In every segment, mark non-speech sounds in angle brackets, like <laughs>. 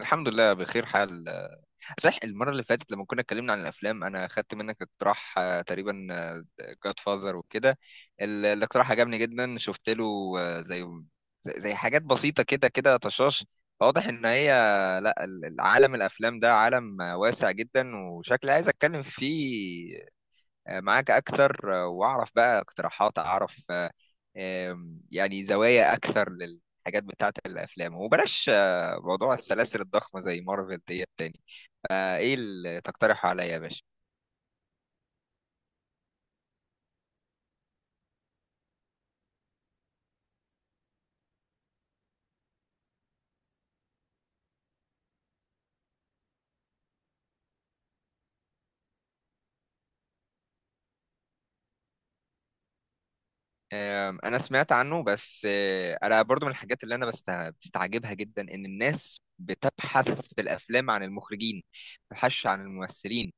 الحمد لله بخير حال. صح، المرة اللي فاتت لما كنا اتكلمنا عن الأفلام أنا خدت منك اقتراح، تقريبا جاد فازر وكده. الاقتراح عجبني جدا، شفت له آه، زي زي حاجات بسيطة كده كده طشاش. واضح إن هي لا، العالم الأفلام ده عالم واسع جدا، وشكلي عايز أتكلم فيه معاك أكتر، وأعرف بقى اقتراحات، أعرف يعني زوايا أكثر للحاجات بتاعة الأفلام، وبلاش موضوع السلاسل الضخمة زي مارفل ديت تاني. فإيه اللي تقترحه عليا يا باشا؟ أنا سمعت عنه، بس أنا برضو من الحاجات اللي أنا بستعجبها جدا إن الناس بتبحث في الأفلام عن المخرجين، ما بتبحثش عن الممثلين،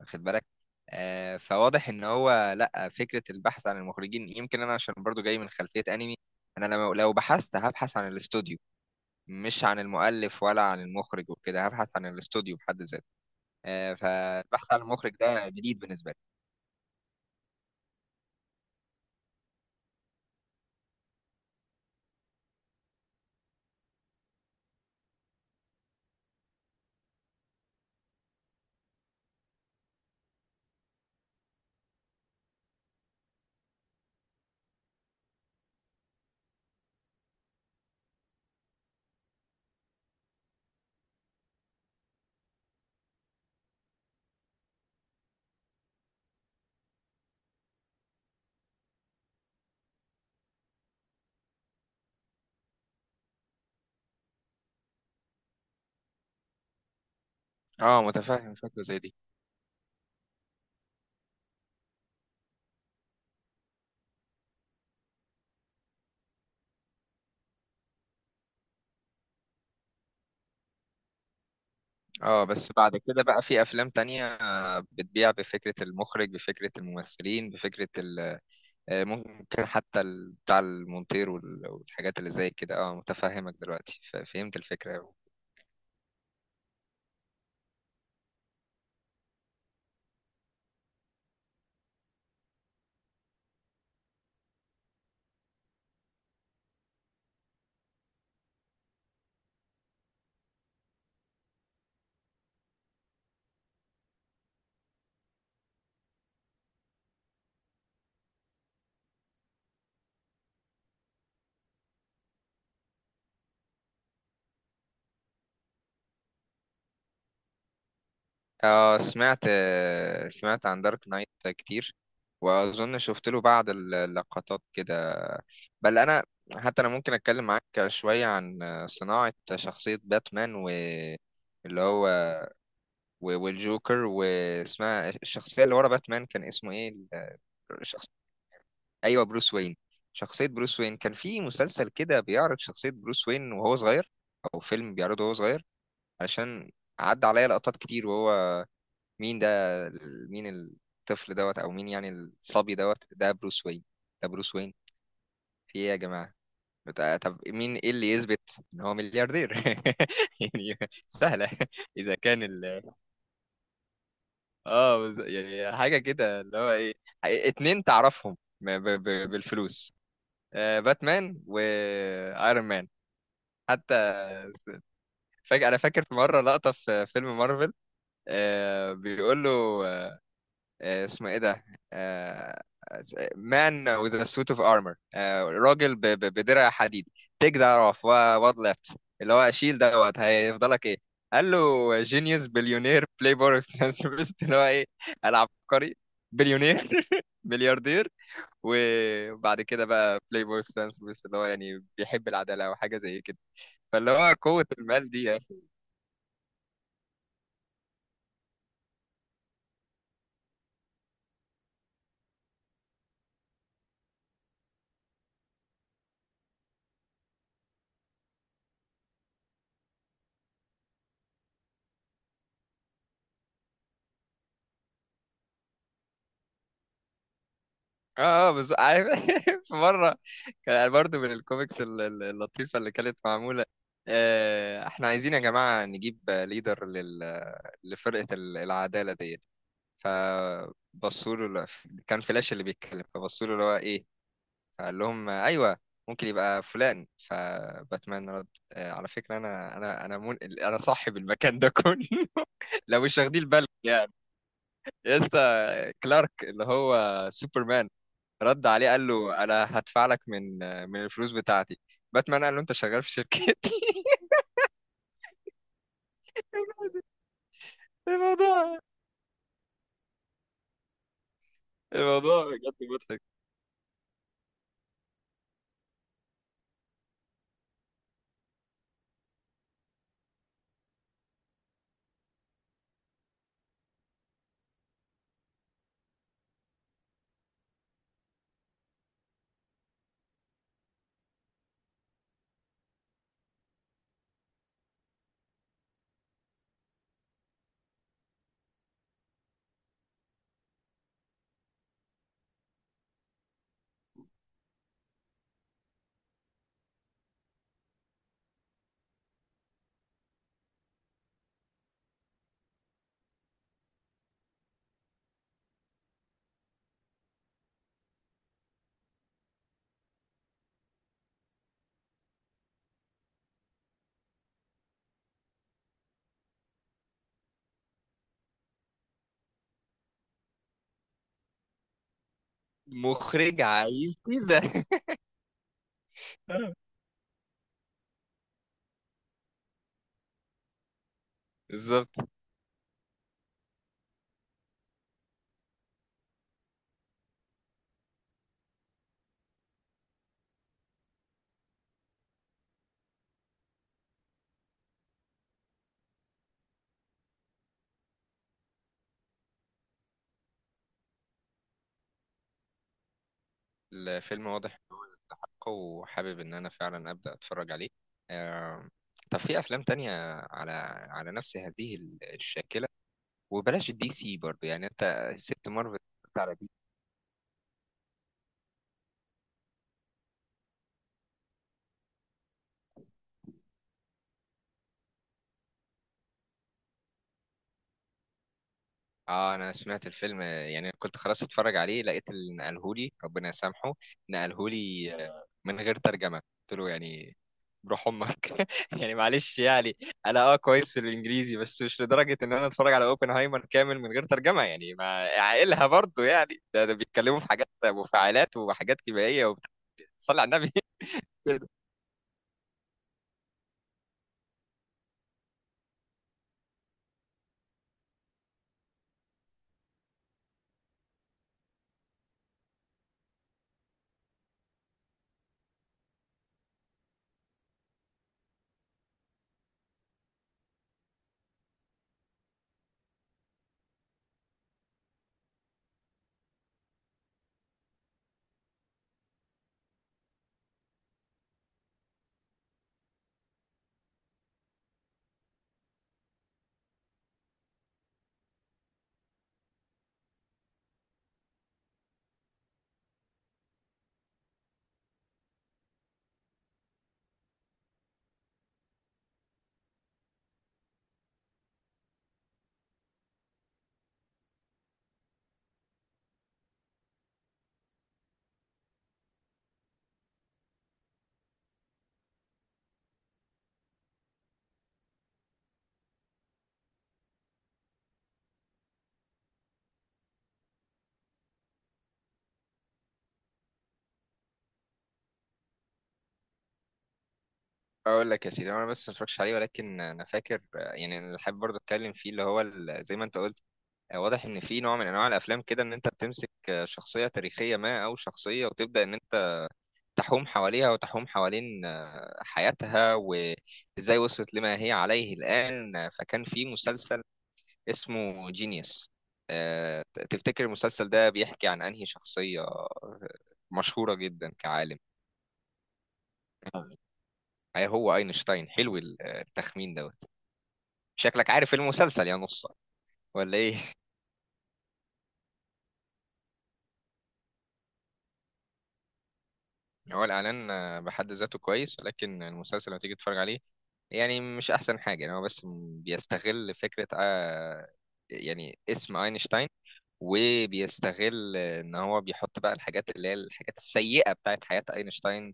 واخد بالك؟ فواضح ان هو، لا، فكره البحث عن المخرجين، يمكن انا عشان برضو جاي من خلفيه انمي، انا لو بحثت هبحث عن الاستوديو، مش عن المؤلف ولا عن المخرج وكده، هبحث عن الاستوديو بحد ذاته. فالبحث عن المخرج ده جديد بالنسبه لي. اه، متفاهم فكره زي دي. اه، بس بعد كده بقى في افلام تانية بتبيع بفكره المخرج، بفكره الممثلين، بفكره ممكن حتى بتاع المونتير والحاجات اللي زي كده. اه، متفهمك دلوقتي، فهمت الفكره. اه، سمعت عن دارك نايت كتير، واظن شفت له بعض اللقطات كده. بل انا، حتى انا ممكن اتكلم معاك شويه عن صناعه شخصيه باتمان، و اللي هو، والجوكر. واسمها الشخصيه اللي ورا باتمان كان اسمه ايه، الشخص؟ ايوه، بروس وين. شخصيه بروس وين كان في مسلسل كده بيعرض شخصيه بروس وين وهو صغير، او فيلم بيعرضه وهو صغير. عشان عدى عليا لقطات كتير وهو... مين ده؟ مين الطفل دوت، او مين يعني الصبي دوت؟ ده بروس وين، ده بروس وين، في ايه يا جماعة؟ طب مين، ايه اللي يثبت ان هو ملياردير؟ <laughs> يعني سهلة. اذا كان ال... اه، يعني حاجة كده اللي هو ايه، اتنين تعرفهم بالفلوس، باتمان وايرون مان. حتى فاكر، انا فاكر في مره لقطه في فيلم مارفل، بيقول له اسمه ايه ده، آه، مان with a suit of armor، راجل بدرع حديد، take that off what left، اللي هو شيل دوت هيفضلك ايه؟ قال له جينيوس بليونير بلاي بوي philanthropist. <laughs> اللي هو ايه، العبقري، بليونير <laughs> ملياردير، وبعد كده بقى بلاي بوي philanthropist اللي هو يعني بيحب العداله او حاجه زي كده. فاللي هو قوه المال دي. اه بس عارف، <laughs> في مره كان برضه من الكوميكس اللطيفه اللي كانت معموله، احنا عايزين يا جماعه نجيب ليدر لل... لفرقه العداله ديت. فبصوا له، كان فلاش اللي بيتكلم، فبصوا له اللي هو ايه، فقال لهم ايوه، ممكن يبقى فلان. فباتمان رد، على فكره انا انا صاحب المكان ده كله. <laughs> لو مش واخدين بالك يعني. يسا كلارك اللي هو سوبرمان رد عليه قال له انا هدفع لك من الفلوس بتاعتي. باتمان قال له انت شغال في شركتي. <laughs> الموضوع الموضوع بجد مضحك. مخرج عايز كده. <laughs> بالظبط. الفيلم واضح إن هو حق، وحابب ان انا فعلا ابدا اتفرج عليه. آه، طب في افلام تانية على على نفس هذه الشاكلة، وبلاش الدي سي برضو يعني، انت سبت مارفل. على اه، انا سمعت الفيلم، يعني كنت خلاص اتفرج عليه لقيت اللي نقلهولي ربنا يسامحه، نقلهولي من غير ترجمة. قلت له يعني بروح امك. <laughs> يعني معلش يعني انا، اه، كويس في الانجليزي، بس مش لدرجة ان انا اتفرج على اوبنهايمر كامل من غير ترجمة يعني، ما عقلها برضه يعني، ده بيتكلموا في حاجات مفاعلات وحاجات كيميائية وبتاع. صلي على النبي. <laughs> كده. اقول لك يا سيدي، انا بس ما اتفرجتش عليه، ولكن انا فاكر، يعني اللي حابب برضه اتكلم فيه، اللي هو زي ما انت قلت، واضح ان في نوع من انواع الافلام كده ان انت بتمسك شخصيه تاريخيه ما، او شخصيه، وتبدا ان انت تحوم حواليها وتحوم حوالين حياتها، وازاي وصلت لما هي عليه الان. فكان في مسلسل اسمه جينيوس. تفتكر المسلسل ده بيحكي عن انهي شخصيه مشهوره جدا كعالم؟ هي هو اينشتاين، حلو التخمين دوت. شكلك عارف المسلسل يا نصة ولا ايه؟ هو الإعلان بحد ذاته كويس، لكن المسلسل لما تيجي تتفرج عليه يعني مش أحسن حاجة. يعني هو بس بيستغل فكرة، يعني اسم أينشتاين، وبيستغل إن هو بيحط بقى الحاجات اللي هي الحاجات السيئة بتاعت حياة أينشتاين،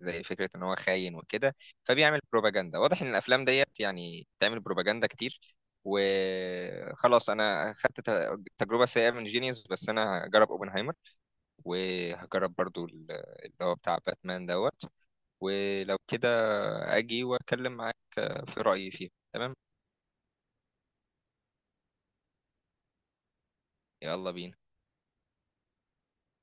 زي فكرة إن هو خاين وكده. فبيعمل بروباجندا. واضح إن الأفلام ديت يعني بتعمل بروباجندا كتير. وخلاص أنا خدت تجربة سيئة من جينيوس، بس أنا هجرب أوبنهايمر، وهجرب برضو اللي هو بتاع باتمان دوت. ولو كده اجي واتكلم معاك في رأيي فيه. تمام. يلا بينا.